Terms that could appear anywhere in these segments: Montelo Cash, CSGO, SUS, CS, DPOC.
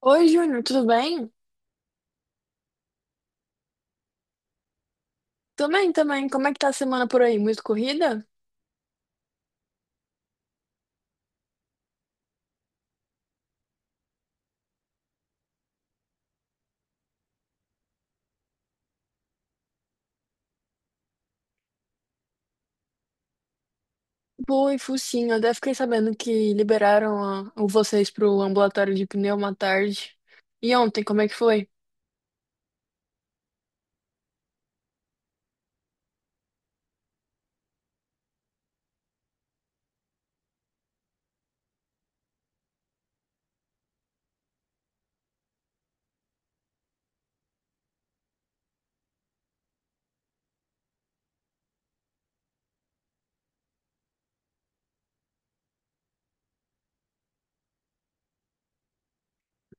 Oi, Júnior, tudo bem? Também, também. Como é que tá a semana por aí? Muito corrida? Pô, e focinho, eu até fiquei sabendo que liberaram a- o vocês pro ambulatório de pneu uma tarde. E ontem, como é que foi?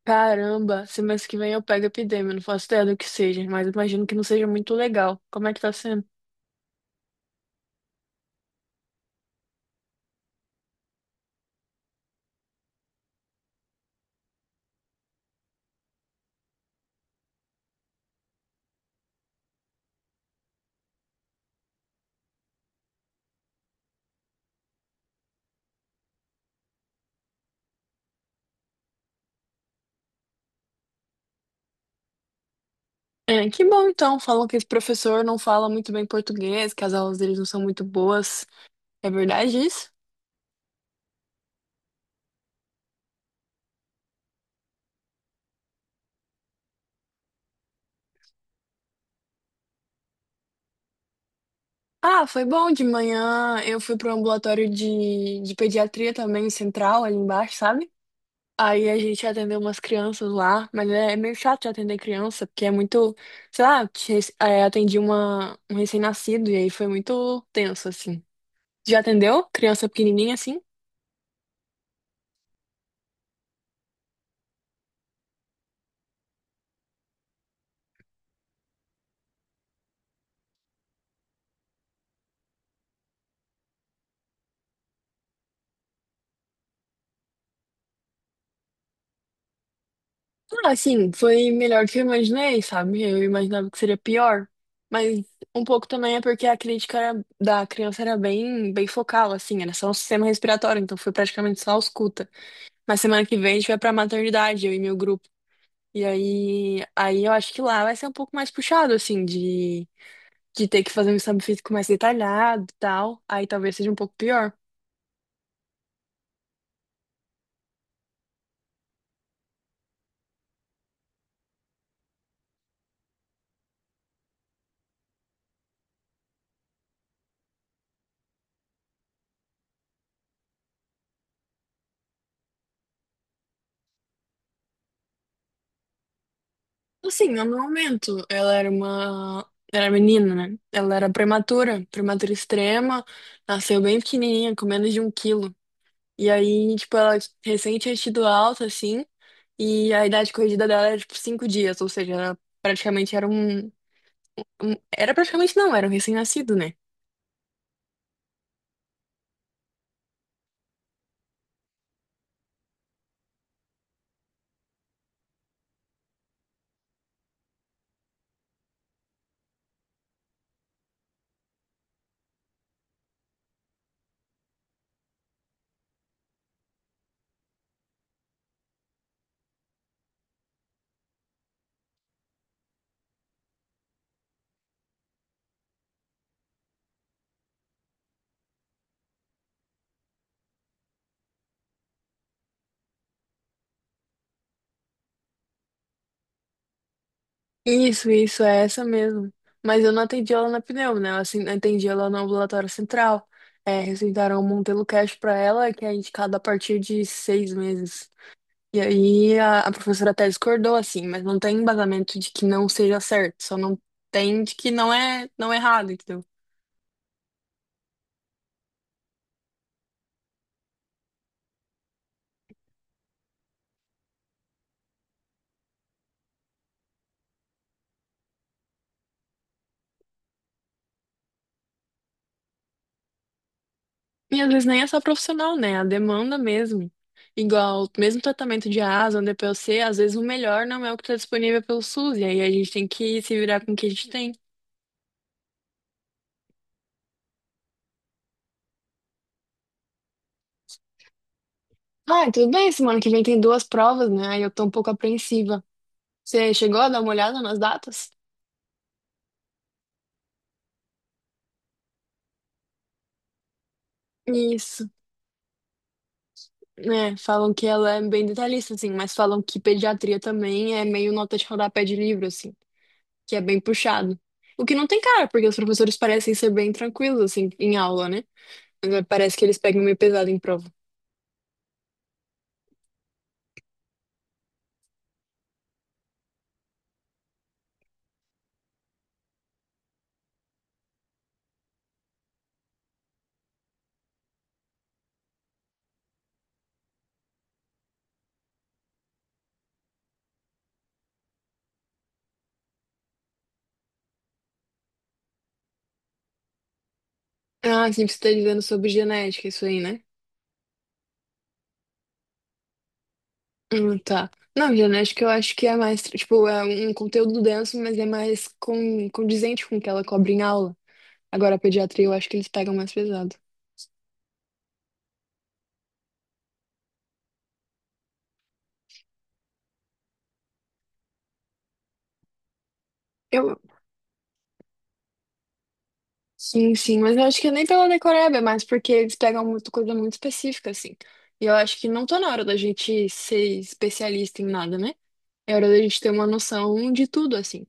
Caramba, semana que vem eu pego epidemia, não faço ideia do que seja, mas imagino que não seja muito legal. Como é que tá sendo? É, que bom então, falam que esse professor não fala muito bem português, que as aulas deles não são muito boas. É verdade isso? Ah, foi bom de manhã. Eu fui pro ambulatório de pediatria também, central, ali embaixo, sabe? Aí a gente atendeu umas crianças lá, mas é meio chato de atender criança, porque é muito, sei lá, é, atendi uma, um recém-nascido e aí foi muito tenso, assim. Já atendeu? Criança pequenininha, assim? Ah, assim, foi melhor do que eu imaginei, sabe? Eu imaginava que seria pior. Mas um pouco também é porque da criança era bem, bem focal, assim, era só o sistema respiratório, então foi praticamente só ausculta. Mas semana que vem a gente vai pra maternidade, eu e meu grupo. E aí, aí eu acho que lá vai ser um pouco mais puxado, assim, de ter que fazer um exame físico mais detalhado e tal. Aí talvez seja um pouco pior. Assim, no meu momento, ela era uma. Era menina, né? Ela era prematura, prematura extrema, nasceu bem pequenininha, com menos de um quilo. E aí, tipo, ela recém tinha tido alta, assim, e a idade corrigida dela era, tipo, cinco dias, ou seja, ela praticamente era um. Era praticamente não, era um recém-nascido, né? Isso, é essa mesmo. Mas eu não atendi ela na pneu, né? Eu assim, atendi ela no ambulatório central. É, receitaram o Montelo Cash pra ela, que é indicado a partir de seis meses. E aí a professora até discordou, assim, mas não tem embasamento de que não seja certo, só não tem de que não é, não é errado, entendeu? E às vezes nem é só profissional, né? A demanda mesmo. Igual, mesmo tratamento de asa, DPOC, às vezes o melhor não é o que está disponível pelo SUS, e aí a gente tem que se virar com o que a gente tem. Ah, tudo bem, semana que vem tem duas provas, né? Aí eu tô um pouco apreensiva. Você chegou a dar uma olhada nas datas? Isso, né? Falam que ela é bem detalhista, assim, mas falam que pediatria também é meio nota de rodapé de livro, assim, que é bem puxado. O que não tem cara, porque os professores parecem ser bem tranquilos, assim, em aula, né? Mas é, parece que eles pegam meio pesado em prova. Ah, sim, você tá dizendo sobre genética, isso aí, né? Tá. Não, genética eu acho que é mais, tipo, é um conteúdo denso, mas é mais com condizente com o que ela cobre em aula. Agora, a pediatria eu acho que eles pegam mais pesado. Eu, sim, sim, mas eu acho que é nem pela decoreba, é mais porque eles pegam muito coisa muito específica, assim. E eu acho que não tá na hora da gente ser especialista em nada, né? É hora da gente ter uma noção de tudo, assim.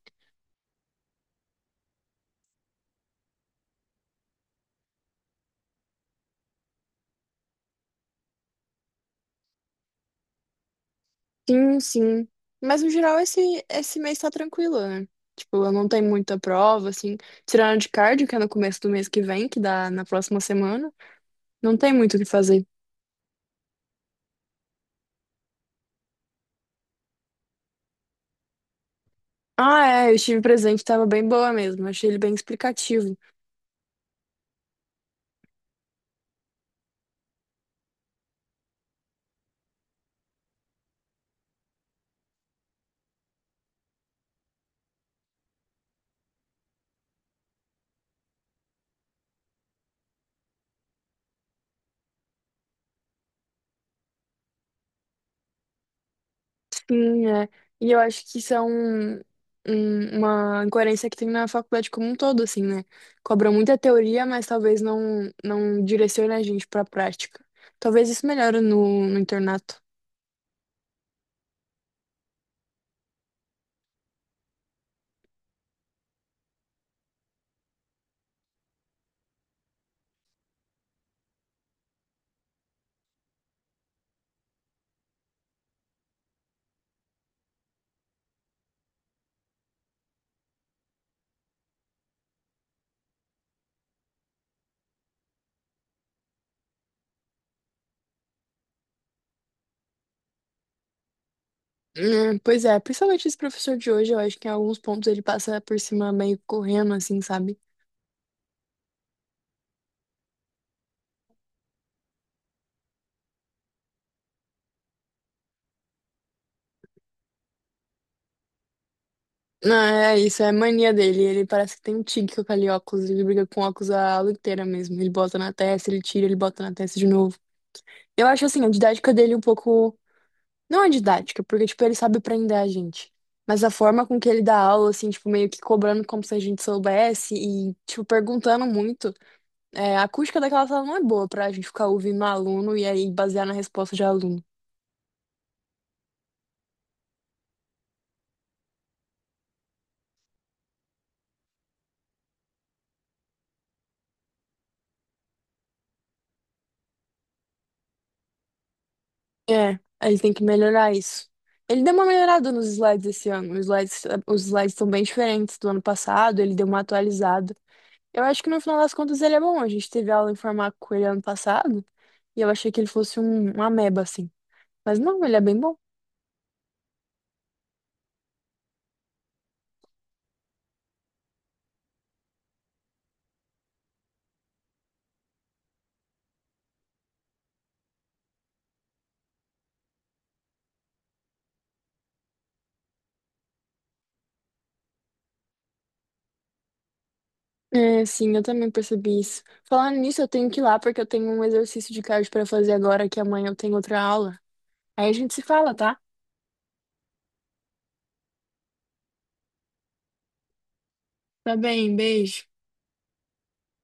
Sim, sim. Mas no geral esse mês tá tranquilo, né? Tipo, eu não tenho muita prova, assim. Tirando de cardio, que é no começo do mês que vem, que dá na próxima semana, não tem muito o que fazer. Ah, é, eu estive presente, tava bem boa mesmo. Achei ele bem explicativo. Sim, é. E eu acho que isso é uma incoerência que tem na faculdade como um todo, assim, né? Cobra muita teoria, mas talvez não direcione a gente pra prática. Talvez isso melhore no internato. Pois é, principalmente esse professor de hoje, eu acho que em alguns pontos ele passa por cima meio correndo, assim, sabe? Não, é isso, é mania dele. Ele parece que tem um tique com aquele óculos, ele briga com óculos a aula inteira mesmo. Ele bota na testa, ele tira, ele bota na testa de novo. Eu acho, assim, a didática dele um pouco. Não é didática, porque, tipo, ele sabe prender a gente. Mas a forma com que ele dá aula, assim, tipo, meio que cobrando como se a gente soubesse e, tipo, perguntando muito. É, a acústica daquela sala não é boa pra gente ficar ouvindo um aluno e aí basear na resposta de aluno. É, aí ele tem que melhorar isso. Ele deu uma melhorada nos slides esse ano. Os slides estão bem diferentes do ano passado, ele deu uma atualizada. Eu acho que no final das contas ele é bom. A gente teve aula em farmácia com ele ano passado e eu achei que ele fosse um ameba, assim. Mas não, ele é bem bom. É, sim, eu também percebi isso. Falando nisso, eu tenho que ir lá porque eu tenho um exercício de cardio para fazer agora, que amanhã eu tenho outra aula. Aí a gente se fala, tá? Tá bem, beijo.